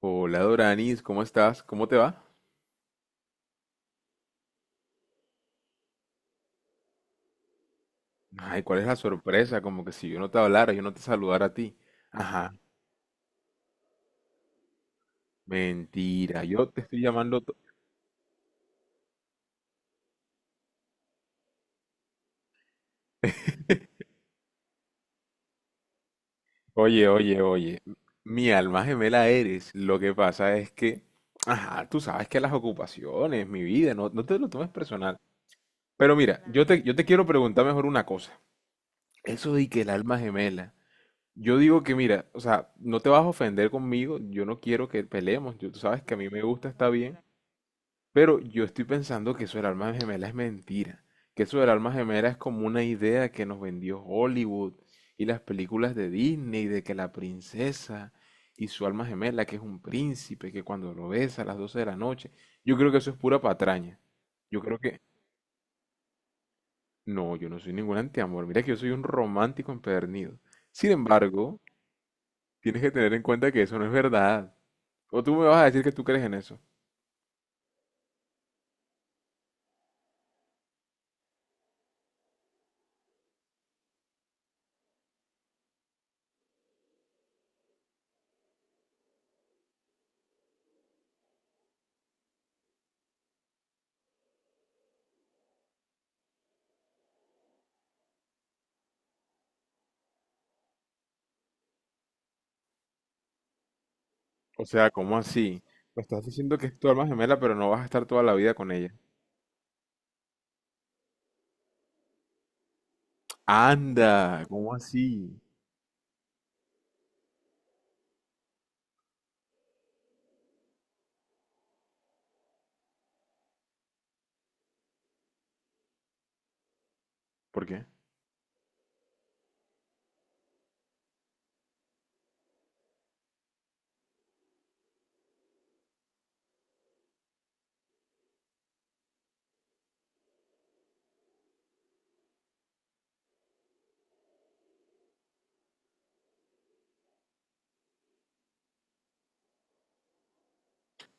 Hola Doranis, ¿cómo estás? ¿Cómo te va? Ay, ¿cuál es la sorpresa? Como que si yo no te hablara, yo no te saludara a ti. Ajá, mentira, yo te estoy llamando. Oye, oye, oye. Mi alma gemela eres. Lo que pasa es que, ajá, tú sabes que las ocupaciones, mi vida, no, no te lo tomes personal. Pero mira, yo te quiero preguntar mejor una cosa. Eso de que el alma gemela. Yo digo que mira, o sea, no te vas a ofender conmigo, yo no quiero que peleemos, tú sabes que a mí me gusta, está bien. Pero yo estoy pensando que eso del alma gemela es mentira, que eso del alma gemela es como una idea que nos vendió Hollywood y las películas de Disney, de que la princesa y su alma gemela, que es un príncipe, que cuando lo besa a las 12 de la noche, yo creo que eso es pura patraña. Yo creo que No, yo no soy ningún antiamor, mira que yo soy un romántico empedernido. Sin embargo, tienes que tener en cuenta que eso no es verdad. O tú me vas a decir que tú crees en eso. O sea, ¿cómo así? Me estás diciendo que es tu alma gemela, pero no vas a estar toda la vida con ella. Anda, ¿cómo así? ¿Por qué?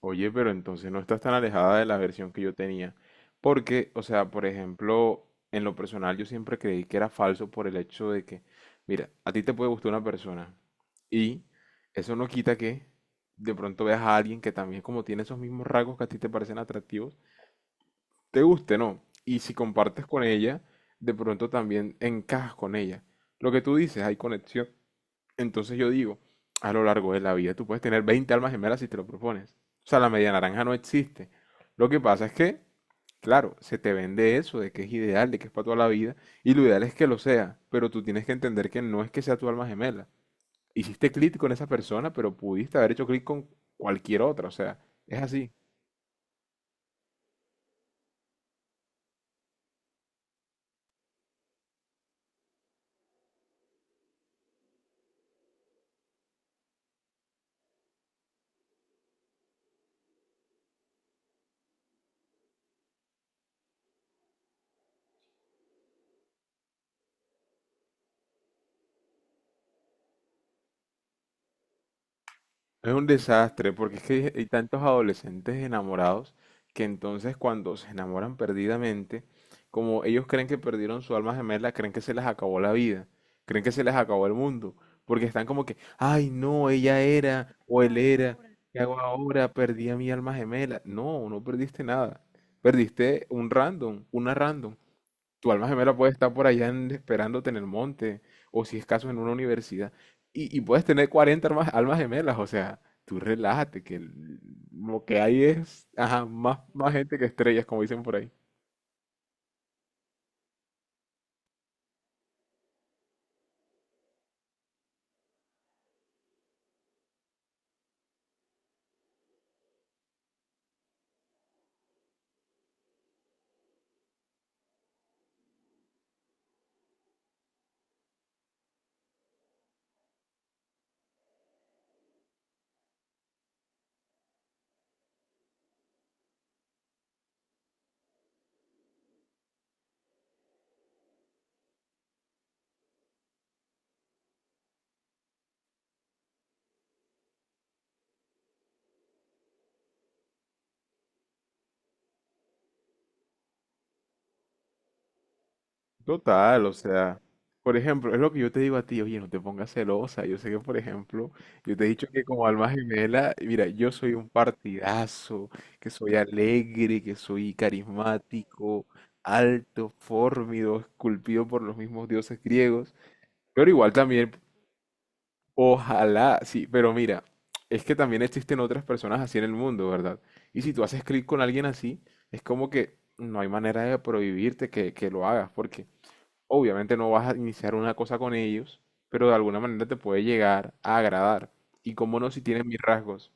Oye, pero entonces no estás tan alejada de la versión que yo tenía. Porque, o sea, por ejemplo, en lo personal yo siempre creí que era falso por el hecho de que, mira, a ti te puede gustar una persona y eso no quita que de pronto veas a alguien que también como tiene esos mismos rasgos que a ti te parecen atractivos te guste, ¿no? Y si compartes con ella, de pronto también encajas con ella. Lo que tú dices, hay conexión. Entonces yo digo, a lo largo de la vida tú puedes tener 20 almas gemelas si te lo propones. O sea, la media naranja no existe. Lo que pasa es que, claro, se te vende eso de que es ideal, de que es para toda la vida, y lo ideal es que lo sea, pero tú tienes que entender que no es que sea tu alma gemela. Hiciste clic con esa persona, pero pudiste haber hecho clic con cualquier otra, o sea, es así. Es un desastre, porque es que hay tantos adolescentes enamorados que entonces cuando se enamoran perdidamente, como ellos creen que perdieron su alma gemela, creen que se les acabó la vida, creen que se les acabó el mundo, porque están como que, ay, no, ella era o él era, ¿qué hago ahora? Perdí a mi alma gemela. No, no perdiste nada. Perdiste un random, una random. Tu alma gemela puede estar por allá esperándote en el monte, o si es caso en una universidad, y puedes tener 40 almas, almas gemelas, o sea, tú relájate, lo que hay es, ajá, más gente que estrellas, como dicen por ahí. Total, o sea, por ejemplo, es lo que yo te digo a ti, oye, no te pongas celosa. Yo sé que, por ejemplo, yo te he dicho que como alma gemela, mira, yo soy un partidazo, que soy alegre, que soy carismático, alto, fornido, esculpido por los mismos dioses griegos, pero igual también, ojalá, sí, pero mira, es que también existen otras personas así en el mundo, ¿verdad? Y si tú haces clic con alguien así, es como que no hay manera de prohibirte que lo hagas, porque... Obviamente no vas a iniciar una cosa con ellos, pero de alguna manera te puede llegar a agradar. Y cómo no si tienen mis rasgos.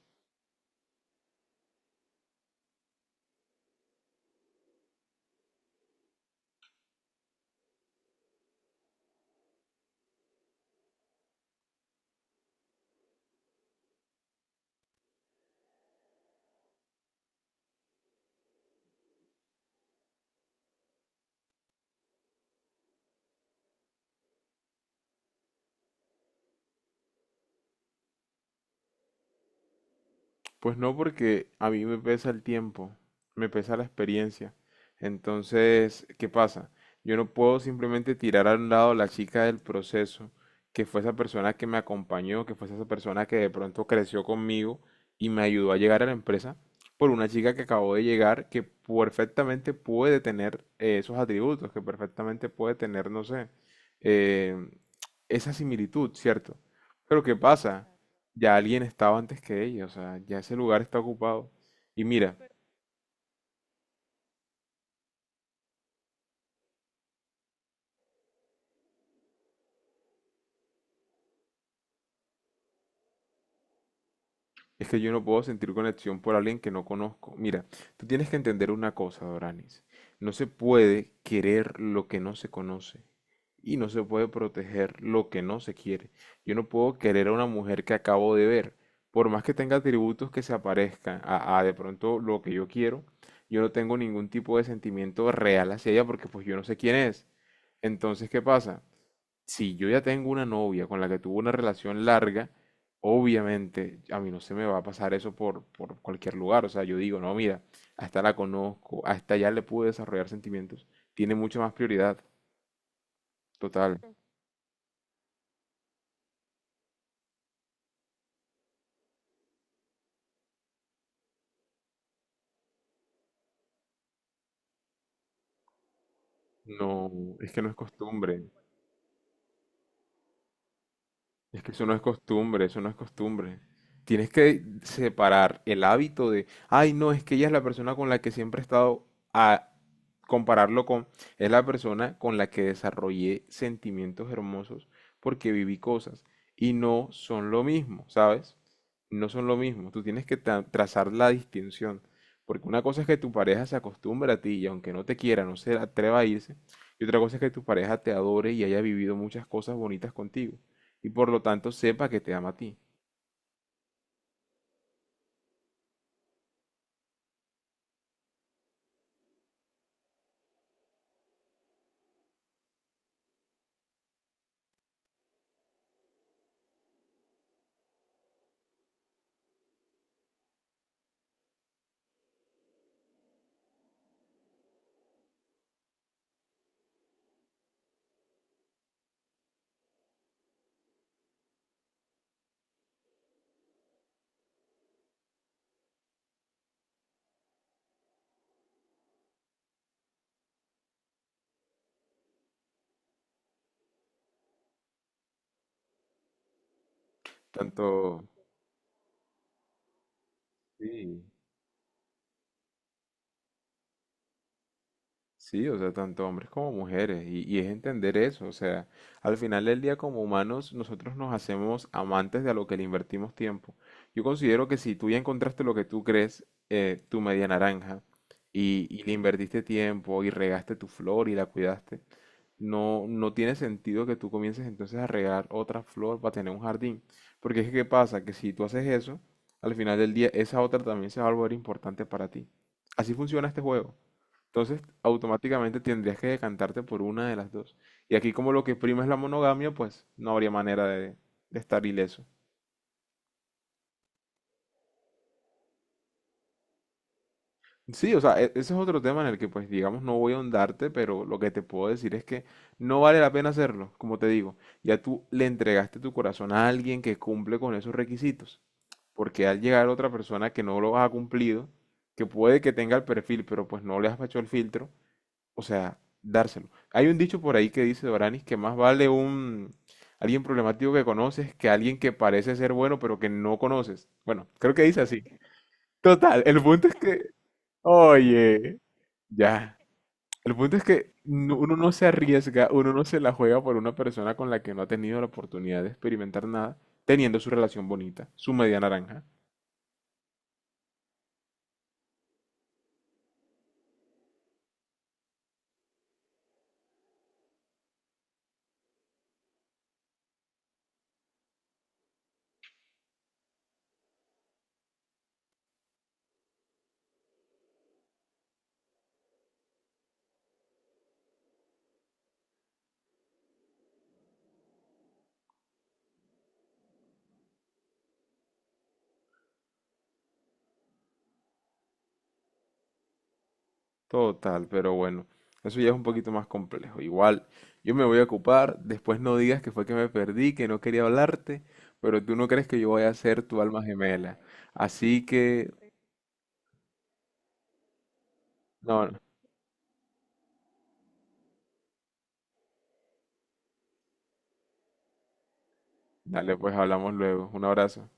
Pues no, porque a mí me pesa el tiempo, me pesa la experiencia. Entonces, ¿qué pasa? Yo no puedo simplemente tirar a un lado la chica del proceso, que fue esa persona que me acompañó, que fue esa persona que de pronto creció conmigo y me ayudó a llegar a la empresa, por una chica que acabó de llegar, que perfectamente puede tener esos atributos, que perfectamente puede tener, no sé, eh, esa similitud, ¿cierto? Pero ¿qué pasa? Ya alguien estaba antes que ella, o sea, ya ese lugar está ocupado. Y mira, es que yo no puedo sentir conexión por alguien que no conozco. Mira, tú tienes que entender una cosa, Doranis. No se puede querer lo que no se conoce. Y no se puede proteger lo que no se quiere. Yo no puedo querer a una mujer que acabo de ver. Por más que tenga atributos que se aparezcan a de pronto lo que yo quiero, yo no tengo ningún tipo de sentimiento real hacia ella porque pues yo no sé quién es. Entonces, ¿qué pasa? Si yo ya tengo una novia con la que tuve una relación larga, obviamente a mí no se me va a pasar eso por cualquier lugar. O sea, yo digo, no, mira, hasta la conozco, hasta ya le pude desarrollar sentimientos. Tiene mucha más prioridad. Total. No, es que no es costumbre. Es que eso no es costumbre, eso no es costumbre. Tienes que separar el hábito de, ay, no, es que ella es la persona con la que siempre he estado, a compararlo con, es la persona con la que desarrollé sentimientos hermosos porque viví cosas y no son lo mismo, ¿sabes? No son lo mismo. Tú tienes que trazar la distinción, porque una cosa es que tu pareja se acostumbre a ti y aunque no te quiera, no se atreva a irse, y otra cosa es que tu pareja te adore y haya vivido muchas cosas bonitas contigo y por lo tanto sepa que te ama a ti. Tanto, sí, sí, o sea, tanto hombres como mujeres. Y es entender eso, o sea, al final del día como humanos nosotros nos hacemos amantes de a lo que le invertimos tiempo. Yo considero que si tú ya encontraste lo que tú crees, tu media naranja, y le invertiste tiempo y regaste tu flor y la cuidaste. No, no tiene sentido que tú comiences entonces a regar otra flor para tener un jardín. Porque es que, ¿qué pasa? Que si tú haces eso, al final del día esa otra también se va a volver importante para ti. Así funciona este juego. Entonces, automáticamente tendrías que decantarte por una de las dos. Y aquí como lo que prima es la monogamia, pues no habría manera de estar ileso. Sí, o sea, ese es otro tema en el que, pues, digamos, no voy a ahondarte, pero lo que te puedo decir es que no vale la pena hacerlo, como te digo. Ya tú le entregaste tu corazón a alguien que cumple con esos requisitos, porque al llegar otra persona que no lo ha cumplido, que puede que tenga el perfil, pero pues no le has hecho el filtro, o sea, dárselo. Hay un dicho por ahí que dice Doranis que más vale un alguien problemático que conoces que alguien que parece ser bueno, pero que no conoces. Bueno, creo que dice así. Total, el punto es que... Oye, ya. El punto es que uno no se arriesga, uno no se la juega por una persona con la que no ha tenido la oportunidad de experimentar nada, teniendo su relación bonita, su media naranja. Total, pero bueno, eso ya es un poquito más complejo. Igual, yo me voy a ocupar, después no digas que fue que me perdí, que no quería hablarte, pero tú no crees que yo vaya a ser tu alma gemela. Así que, no, no. Dale, pues hablamos luego. Un abrazo.